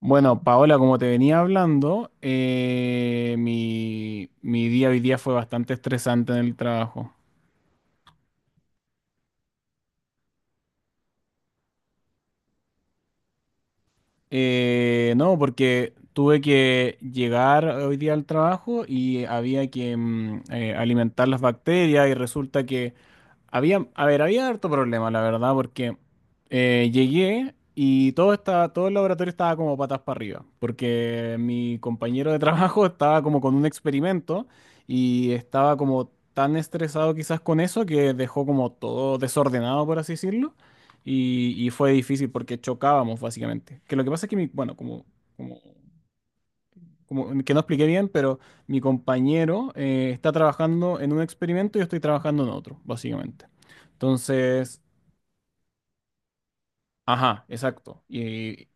Bueno, Paola, como te venía hablando, mi día hoy día fue bastante estresante en el trabajo. No, porque tuve que llegar hoy día al trabajo y había que alimentar las bacterias y resulta que había, a ver, había harto problema, la verdad, porque llegué y todo estaba, todo el laboratorio estaba como patas para arriba, porque mi compañero de trabajo estaba como con un experimento y estaba como tan estresado quizás con eso que dejó como todo desordenado, por así decirlo. Y fue difícil porque chocábamos, básicamente. Que lo que pasa es que, mi, bueno, como, como que no expliqué bien, pero mi compañero está trabajando en un experimento y yo estoy trabajando en otro, básicamente. Entonces, ajá, exacto.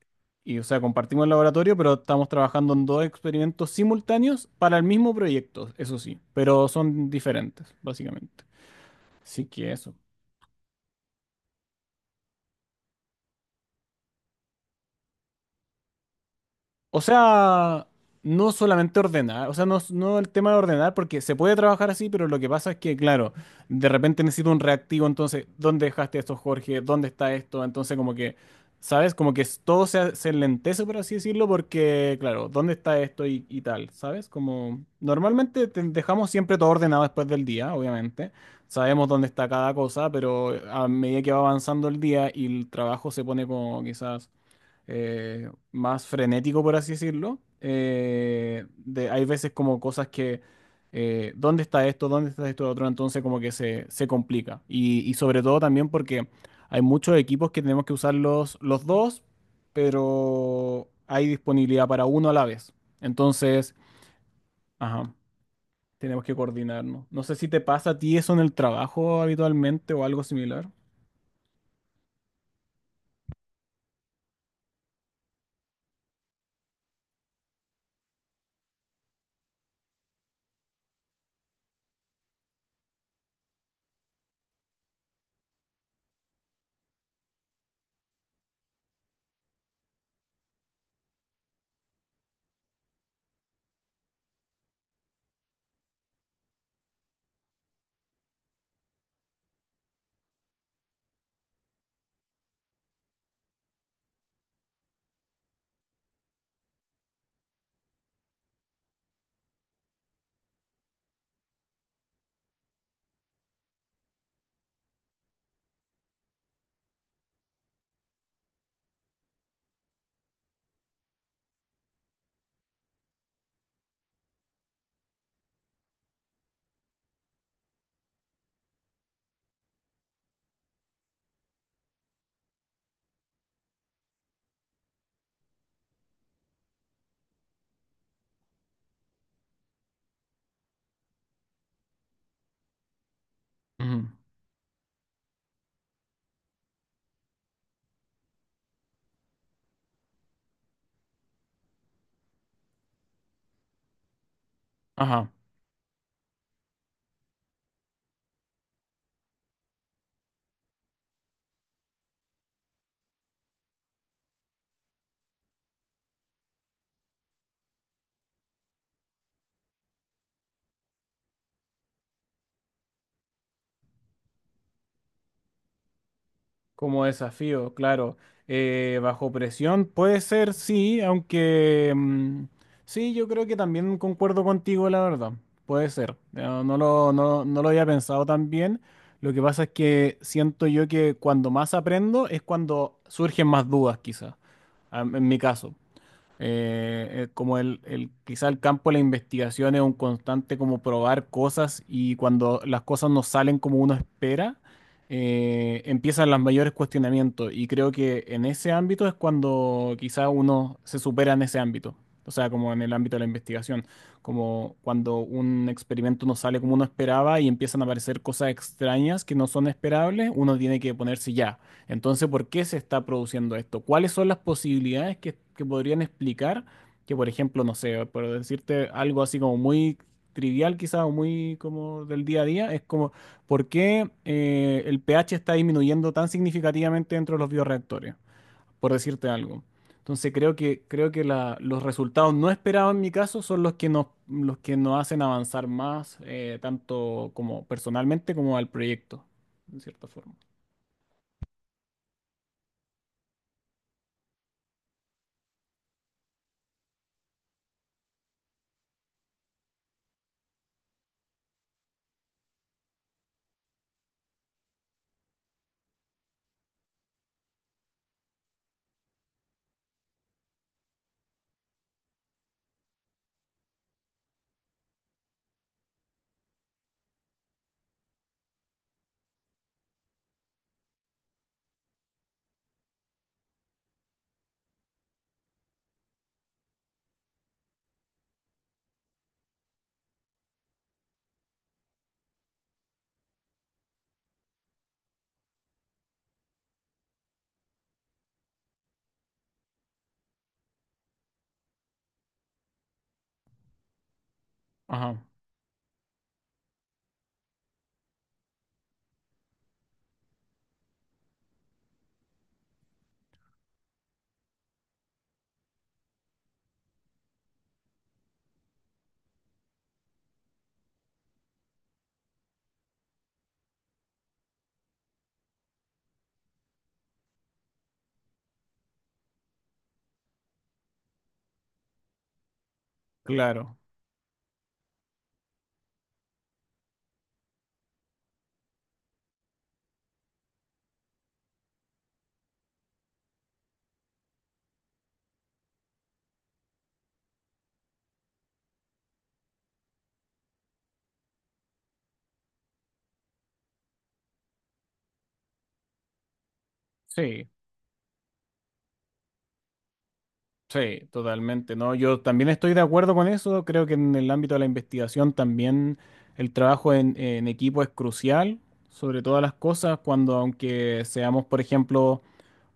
Y, o sea, compartimos el laboratorio, pero estamos trabajando en dos experimentos simultáneos para el mismo proyecto, eso sí, pero son diferentes, básicamente. Así que eso. O sea, no solamente ordenar, o sea, no, no el tema de ordenar, porque se puede trabajar así, pero lo que pasa es que, claro, de repente necesito un reactivo, entonces, ¿dónde dejaste esto, Jorge? ¿Dónde está esto? Entonces, como que, ¿sabes? Como que todo se enlentece, por así decirlo, porque, claro, ¿dónde está esto y tal? ¿Sabes? Como, normalmente dejamos siempre todo ordenado después del día, obviamente. Sabemos dónde está cada cosa, pero a medida que va avanzando el día y el trabajo se pone como quizás más frenético, por así decirlo. Hay veces como cosas que, ¿dónde está esto? ¿Dónde está esto otro? Entonces como que se complica. Y sobre todo también porque hay muchos equipos que tenemos que usar los dos, pero hay disponibilidad para uno a la vez. Entonces, ajá, tenemos que coordinarnos. No sé si te pasa a ti eso en el trabajo habitualmente o algo similar. Ujú. Ajá. Como desafío, claro. Bajo presión puede ser, sí, aunque sí, yo creo que también concuerdo contigo, la verdad. Puede ser. No, no lo había pensado tan bien. Lo que pasa es que siento yo que cuando más aprendo es cuando surgen más dudas, quizás, en mi caso. Como quizá el campo de la investigación es un constante como probar cosas y cuando las cosas no salen como uno espera, empiezan los mayores cuestionamientos y creo que en ese ámbito es cuando quizá uno se supera en ese ámbito, o sea, como en el ámbito de la investigación, como cuando un experimento no sale como uno esperaba y empiezan a aparecer cosas extrañas que no son esperables, uno tiene que ponerse ya. Entonces, ¿por qué se está produciendo esto? ¿Cuáles son las posibilidades que podrían explicar que, por ejemplo, no sé, por decirte algo así como muy trivial quizás o muy como del día a día, es como, ¿por qué el pH está disminuyendo tan significativamente dentro de los bioreactores? Por decirte algo. Entonces, creo que los resultados no esperados en mi caso son los que nos hacen avanzar más, tanto como personalmente como al proyecto, en cierta forma. Ajá, claro. Sí, sí, totalmente. No, yo también estoy de acuerdo con eso. Creo que en el ámbito de la investigación también el trabajo en equipo es crucial, sobre todas las cosas, cuando aunque seamos, por ejemplo,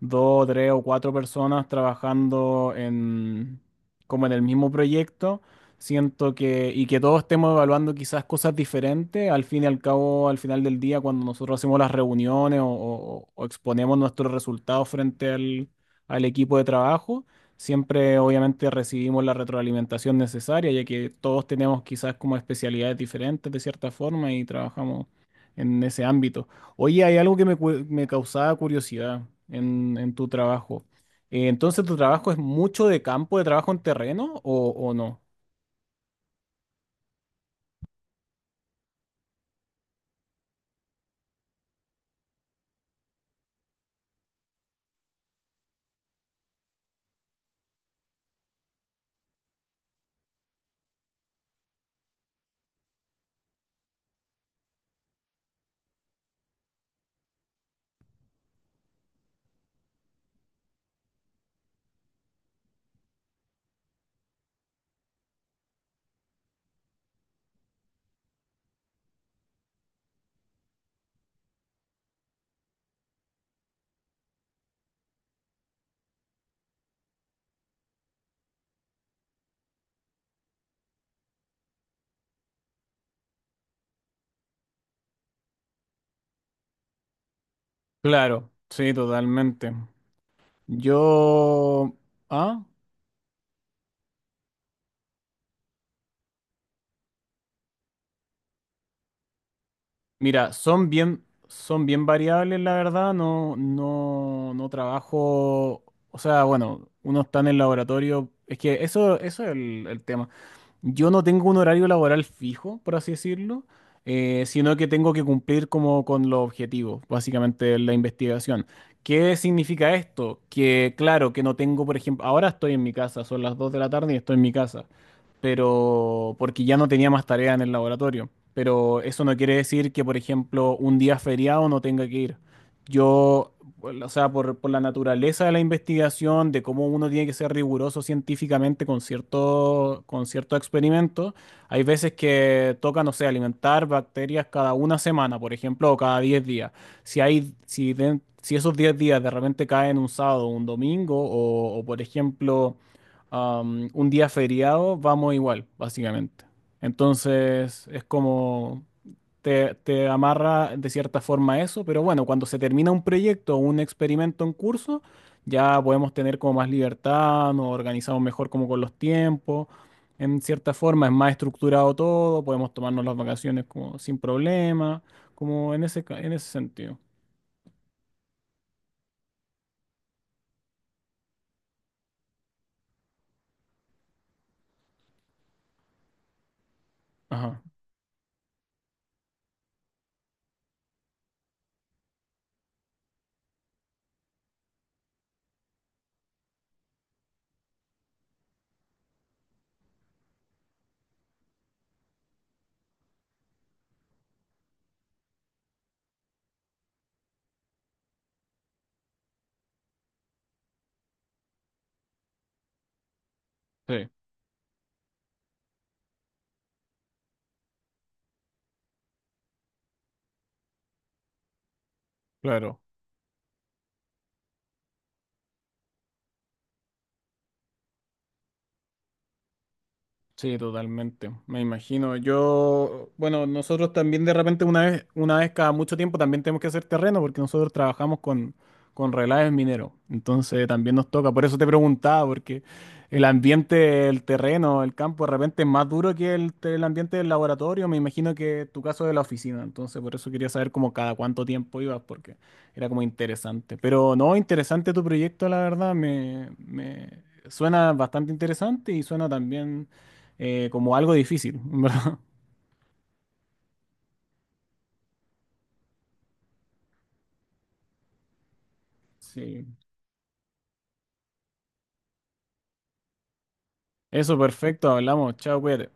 dos, tres o cuatro personas trabajando en como en el mismo proyecto, siento que y que todos estemos evaluando quizás cosas diferentes, al fin y al cabo, al final del día, cuando nosotros hacemos las reuniones o exponemos nuestros resultados frente al equipo de trabajo. Siempre, obviamente, recibimos la retroalimentación necesaria, ya que todos tenemos quizás como especialidades diferentes de cierta forma y trabajamos en ese ámbito. Oye, hay algo que me causaba curiosidad en tu trabajo. Entonces, ¿tu trabajo es mucho de campo, de trabajo en terreno o no? Claro, sí, totalmente. Yo... ¿Ah? Mira, son bien variables, la verdad. No trabajo. O sea, bueno, uno está en el laboratorio. Es que eso es el tema. Yo no tengo un horario laboral fijo, por así decirlo, sino que tengo que cumplir como con los objetivos, básicamente la investigación. ¿Qué significa esto? Que claro, que no tengo, por ejemplo, ahora estoy en mi casa, son las 2 de la tarde y estoy en mi casa pero porque ya no tenía más tarea en el laboratorio. Pero eso no quiere decir que, por ejemplo, un día feriado no tenga que ir. Yo, o sea, por la naturaleza de la investigación, de cómo uno tiene que ser riguroso científicamente con con cierto experimento, hay veces que toca, no sé, alimentar bacterias cada una semana, por ejemplo, o cada 10 días. Si hay, si esos 10 días de repente caen un sábado o un domingo, por ejemplo un día feriado, vamos igual, básicamente. Entonces es como te amarra de cierta forma a eso, pero bueno, cuando se termina un proyecto o un experimento en curso, ya podemos tener como más libertad, nos organizamos mejor como con los tiempos. En cierta forma es más estructurado todo, podemos tomarnos las vacaciones como sin problema, como en en ese sentido. Ajá, sí, claro. Sí, totalmente, me imagino. Yo, bueno, nosotros también de repente una vez cada mucho tiempo también tenemos que hacer terreno porque nosotros trabajamos con relaves mineros. Entonces también nos toca, por eso te preguntaba, porque el ambiente, el terreno, el campo de repente es más duro que el ambiente del laboratorio. Me imagino que tu caso de la oficina. Entonces por eso quería saber como cada cuánto tiempo ibas, porque era como interesante. Pero no, interesante tu proyecto, la verdad, me suena bastante interesante y suena también como algo difícil, ¿verdad? Sí. Eso, perfecto, hablamos. Chao, cuídate.